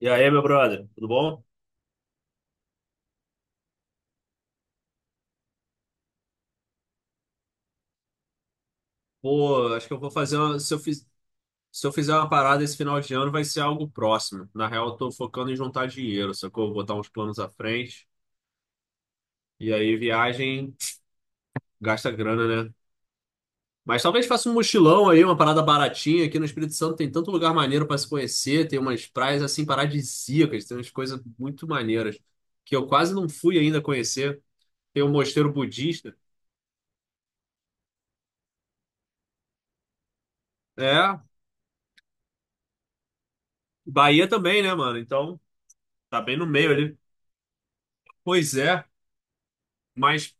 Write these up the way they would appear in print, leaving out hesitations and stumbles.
E aí, meu brother, tudo bom? Pô, acho que eu vou fazer uma. Se eu fizer uma parada esse final de ano, vai ser algo próximo. Na real, eu tô focando em juntar dinheiro, sacou? Vou botar uns planos à frente. E aí, viagem gasta grana, né? Mas talvez faça um mochilão aí, uma parada baratinha. Aqui no Espírito Santo tem tanto lugar maneiro pra se conhecer, tem umas praias assim paradisíacas, tem umas coisas muito maneiras que eu quase não fui ainda conhecer. Tem um mosteiro budista. É, Bahia também, né, mano? Então, tá bem no meio ali. Pois é. Mas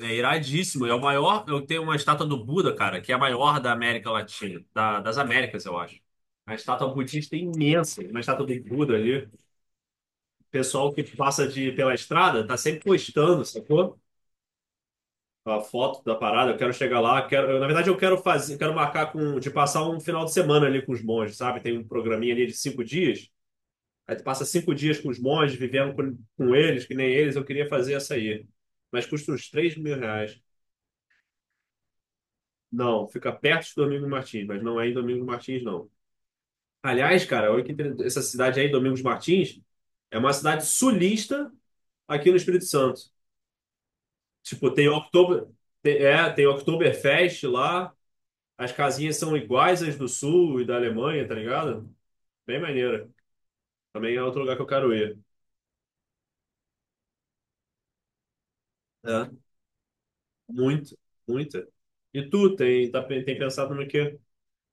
é iradíssimo. É o maior. Eu tenho uma estátua do Buda, cara, que é a maior da América Latina, das Américas, eu acho. A estátua budista é imensa, uma estátua do Buda ali. O pessoal que passa pela estrada tá sempre postando, sacou? A foto da parada, eu quero chegar lá, quero, eu, na verdade eu quero fazer, quero marcar de passar um final de semana ali com os monges, sabe? Tem um programinha ali de 5 dias, aí tu passa 5 dias com os monges, vivendo com eles, que nem eles, eu queria fazer essa aí. Mas custa uns R$ 3.000. Não, fica perto de Domingos Martins, mas não é em Domingos Martins, não. Aliás, cara, olha que interessante, essa cidade aí, Domingos Martins, é uma cidade sulista aqui no Espírito Santo. Tipo, tem Oktober, tem, tem Oktoberfest lá, as casinhas são iguais às do Sul e da Alemanha, tá ligado? Bem maneira. Também é outro lugar que eu quero ir. É. Muito, muito. E tu, tem pensado no quê?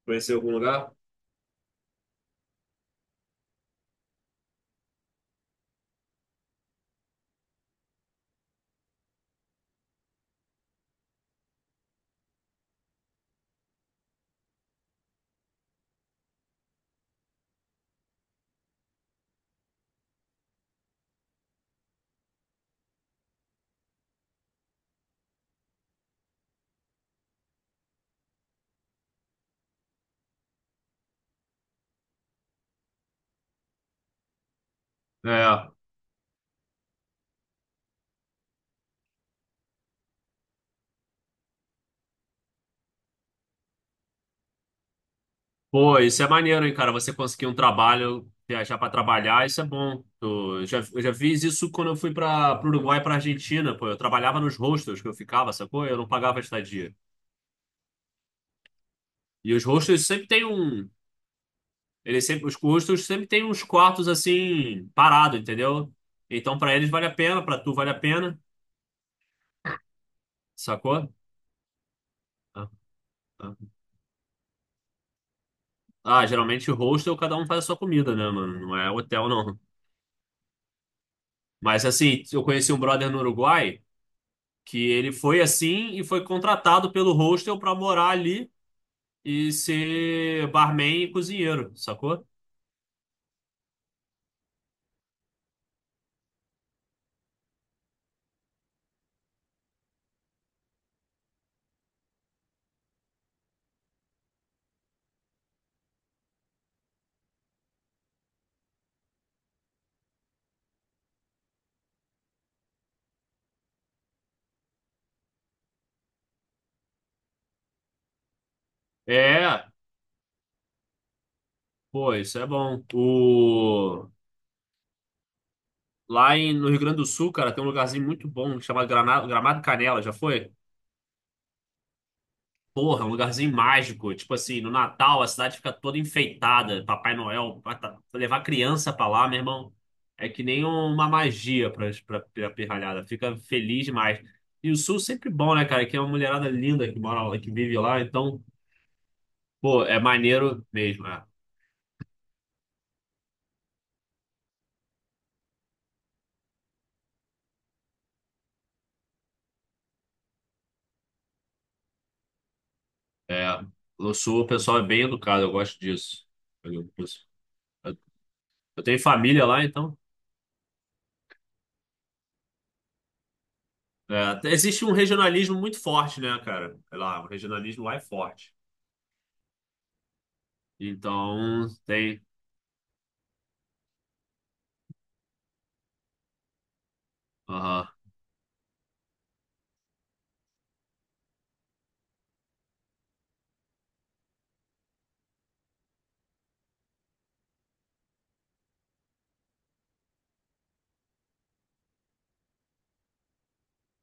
Conhecer algum lugar? É. Pô, isso é maneiro, hein, cara? Você conseguir um trabalho, viajar pra trabalhar, isso é bom. Eu já fiz isso quando eu fui para o Uruguai, para Argentina, pô. Eu trabalhava nos hostels que eu ficava, sacou? Eu não pagava estadia. E os hostels sempre tem um, eles sempre, os hostels sempre tem uns quartos assim parado, entendeu? Então pra eles vale a pena, pra tu vale a pena, sacou? Ah, ah. Ah, geralmente hostel cada um faz a sua comida, né, mano? Não é hotel não. Mas assim, eu conheci um brother no Uruguai. Que ele foi assim e foi contratado pelo hostel para morar ali e ser barman e cozinheiro, sacou? É, pô, isso é bom. O... Lá no Rio Grande do Sul, cara, tem um lugarzinho muito bom chamado Gramado Canela, já foi? Porra, um lugarzinho mágico. Tipo assim, no Natal a cidade fica toda enfeitada. Papai Noel, pra levar criança pra lá, meu irmão, é que nem uma magia pra pirralhada. Fica feliz demais. E o Sul sempre bom, né, cara? Que é uma mulherada linda que mora lá, que vive lá. Então, pô, é maneiro mesmo, né? É, no Sul o pessoal é bem educado, eu gosto disso. Eu, eu- eu tenho família lá, então. É, existe um regionalismo muito forte, né, cara? Sei lá, o regionalismo lá é forte. Então, tem, aham.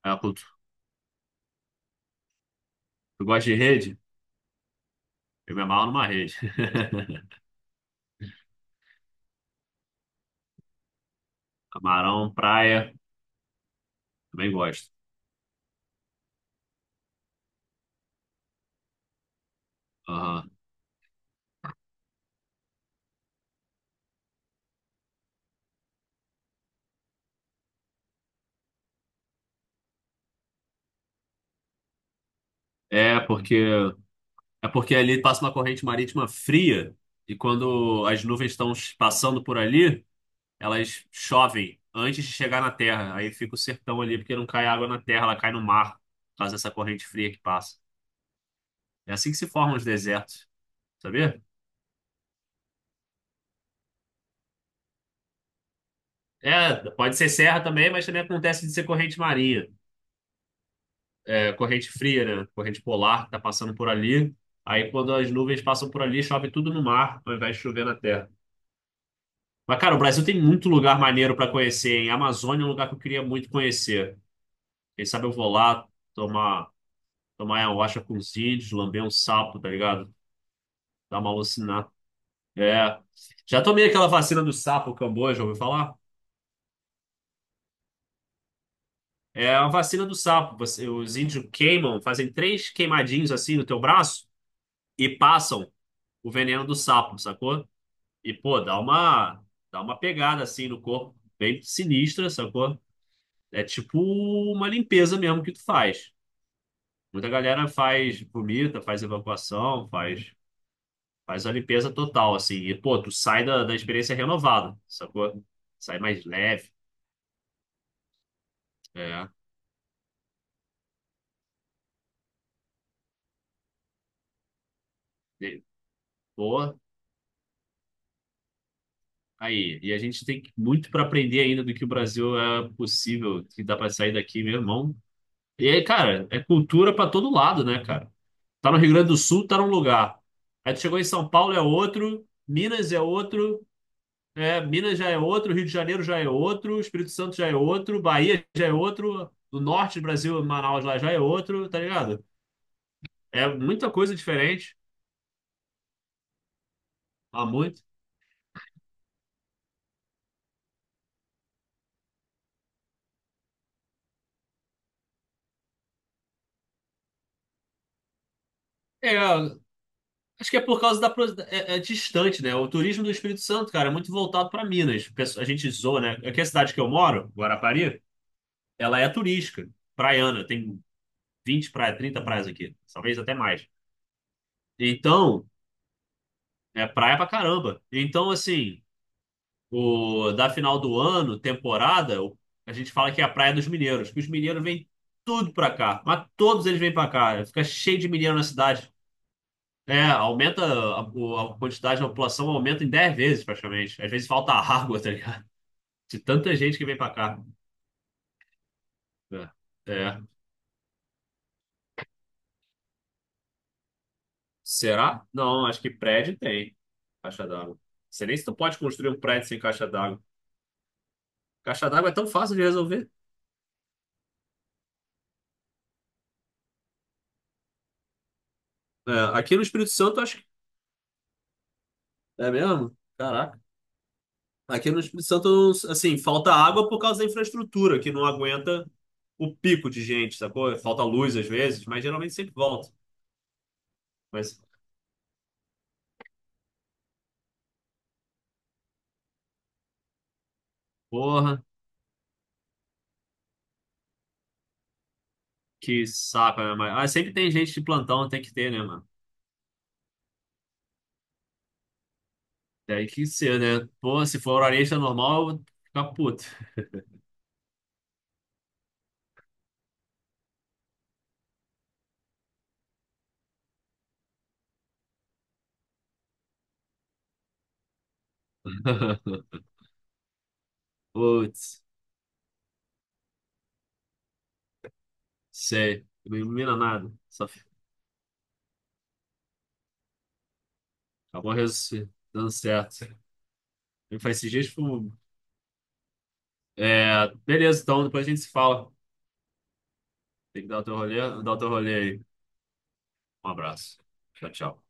É uma cultu- Tu gosta de rede? Eu me amarro numa rede. Camarão, praia, também gosto. Aham. É porque é porque ali passa uma corrente marítima fria e quando as nuvens estão passando por ali, elas chovem antes de chegar na terra. Aí fica o sertão ali porque não cai água na terra, ela cai no mar por causa dessa corrente fria que passa. É assim que se formam os desertos, sabia? É, pode ser serra também, mas também acontece de ser corrente marinha. É, corrente fria, né? Corrente polar que está passando por ali. Aí, quando as nuvens passam por ali, chove tudo no mar, ao invés de chover na terra. Mas, cara, o Brasil tem muito lugar maneiro para conhecer, hein? A Amazônia é um lugar que eu queria muito conhecer. Quem sabe eu vou lá tomar, tomar ayahuasca com os índios, lamber um sapo, tá ligado? Dar uma alucinada. É. Já tomei aquela vacina do sapo, o Camboja, ouviu falar? É a vacina do sapo. Você- os índios queimam, fazem três queimadinhos assim no teu braço e passam o veneno do sapo, sacou? E, pô, dá uma pegada assim no corpo, bem sinistra, sacou? É tipo uma limpeza mesmo que tu faz. Muita galera faz, vomita, faz evacuação, faz a limpeza total, assim. E, pô, tu sai da experiência renovada, sacou? Sai mais leve. É. E, pô, aí. E a gente tem muito para aprender ainda do que o Brasil é possível, que dá para sair daqui, meu irmão. E aí, cara, é cultura para todo lado, né, cara? Tá no Rio Grande do Sul, tá num lugar. Aí tu chegou em São Paulo, é outro. Minas é outro. É, Minas já é outro. Rio de Janeiro já é outro. Espírito Santo já é outro. Bahia já é outro. Do norte do Brasil, Manaus lá já é outro, tá ligado? É muita coisa diferente. Há muito. É, acho que é por causa da. É, é distante, né? O turismo do Espírito Santo, cara, é muito voltado para Minas. A gente zoa, né? Aqui a cidade que eu moro, Guarapari, ela é turística, praiana. Tem 20 praias, 30 praias aqui, talvez até mais. Então. É praia pra caramba. Então, assim, o da final do ano, temporada, a gente fala que é a praia dos mineiros, que os mineiros vêm tudo pra cá, mas todos eles vêm pra cá. Fica cheio de mineiro na cidade. É, aumenta a quantidade da população, aumenta em 10 vezes praticamente. Às vezes falta água, tá ligado? De tanta gente que vem pra cá. É. É. Será? Não, acho que prédio tem caixa d'água. Você nem se tu pode construir um prédio sem caixa d'água. Caixa d'água é tão fácil de resolver. É, aqui no Espírito Santo, acho. É mesmo? Caraca. Aqui no Espírito Santo, assim, falta água por causa da infraestrutura, que não aguenta o pico de gente, sacou? Falta luz às vezes, mas geralmente sempre volta. Mas, porra, que saco, né? Mas, ah, sempre tem gente de plantão, tem que ter, né, mano? Tem que ser, né? Pô, se for horário normal, eu vou ficar puto. Putz, sei. Não ilumina nada. Só f- acabou res- dando certo. E faz esses dias, tipo, é, beleza, então depois a gente se fala. Tem que dar o teu rolê, dar o teu rolê aí. Um abraço. Tchau, tchau.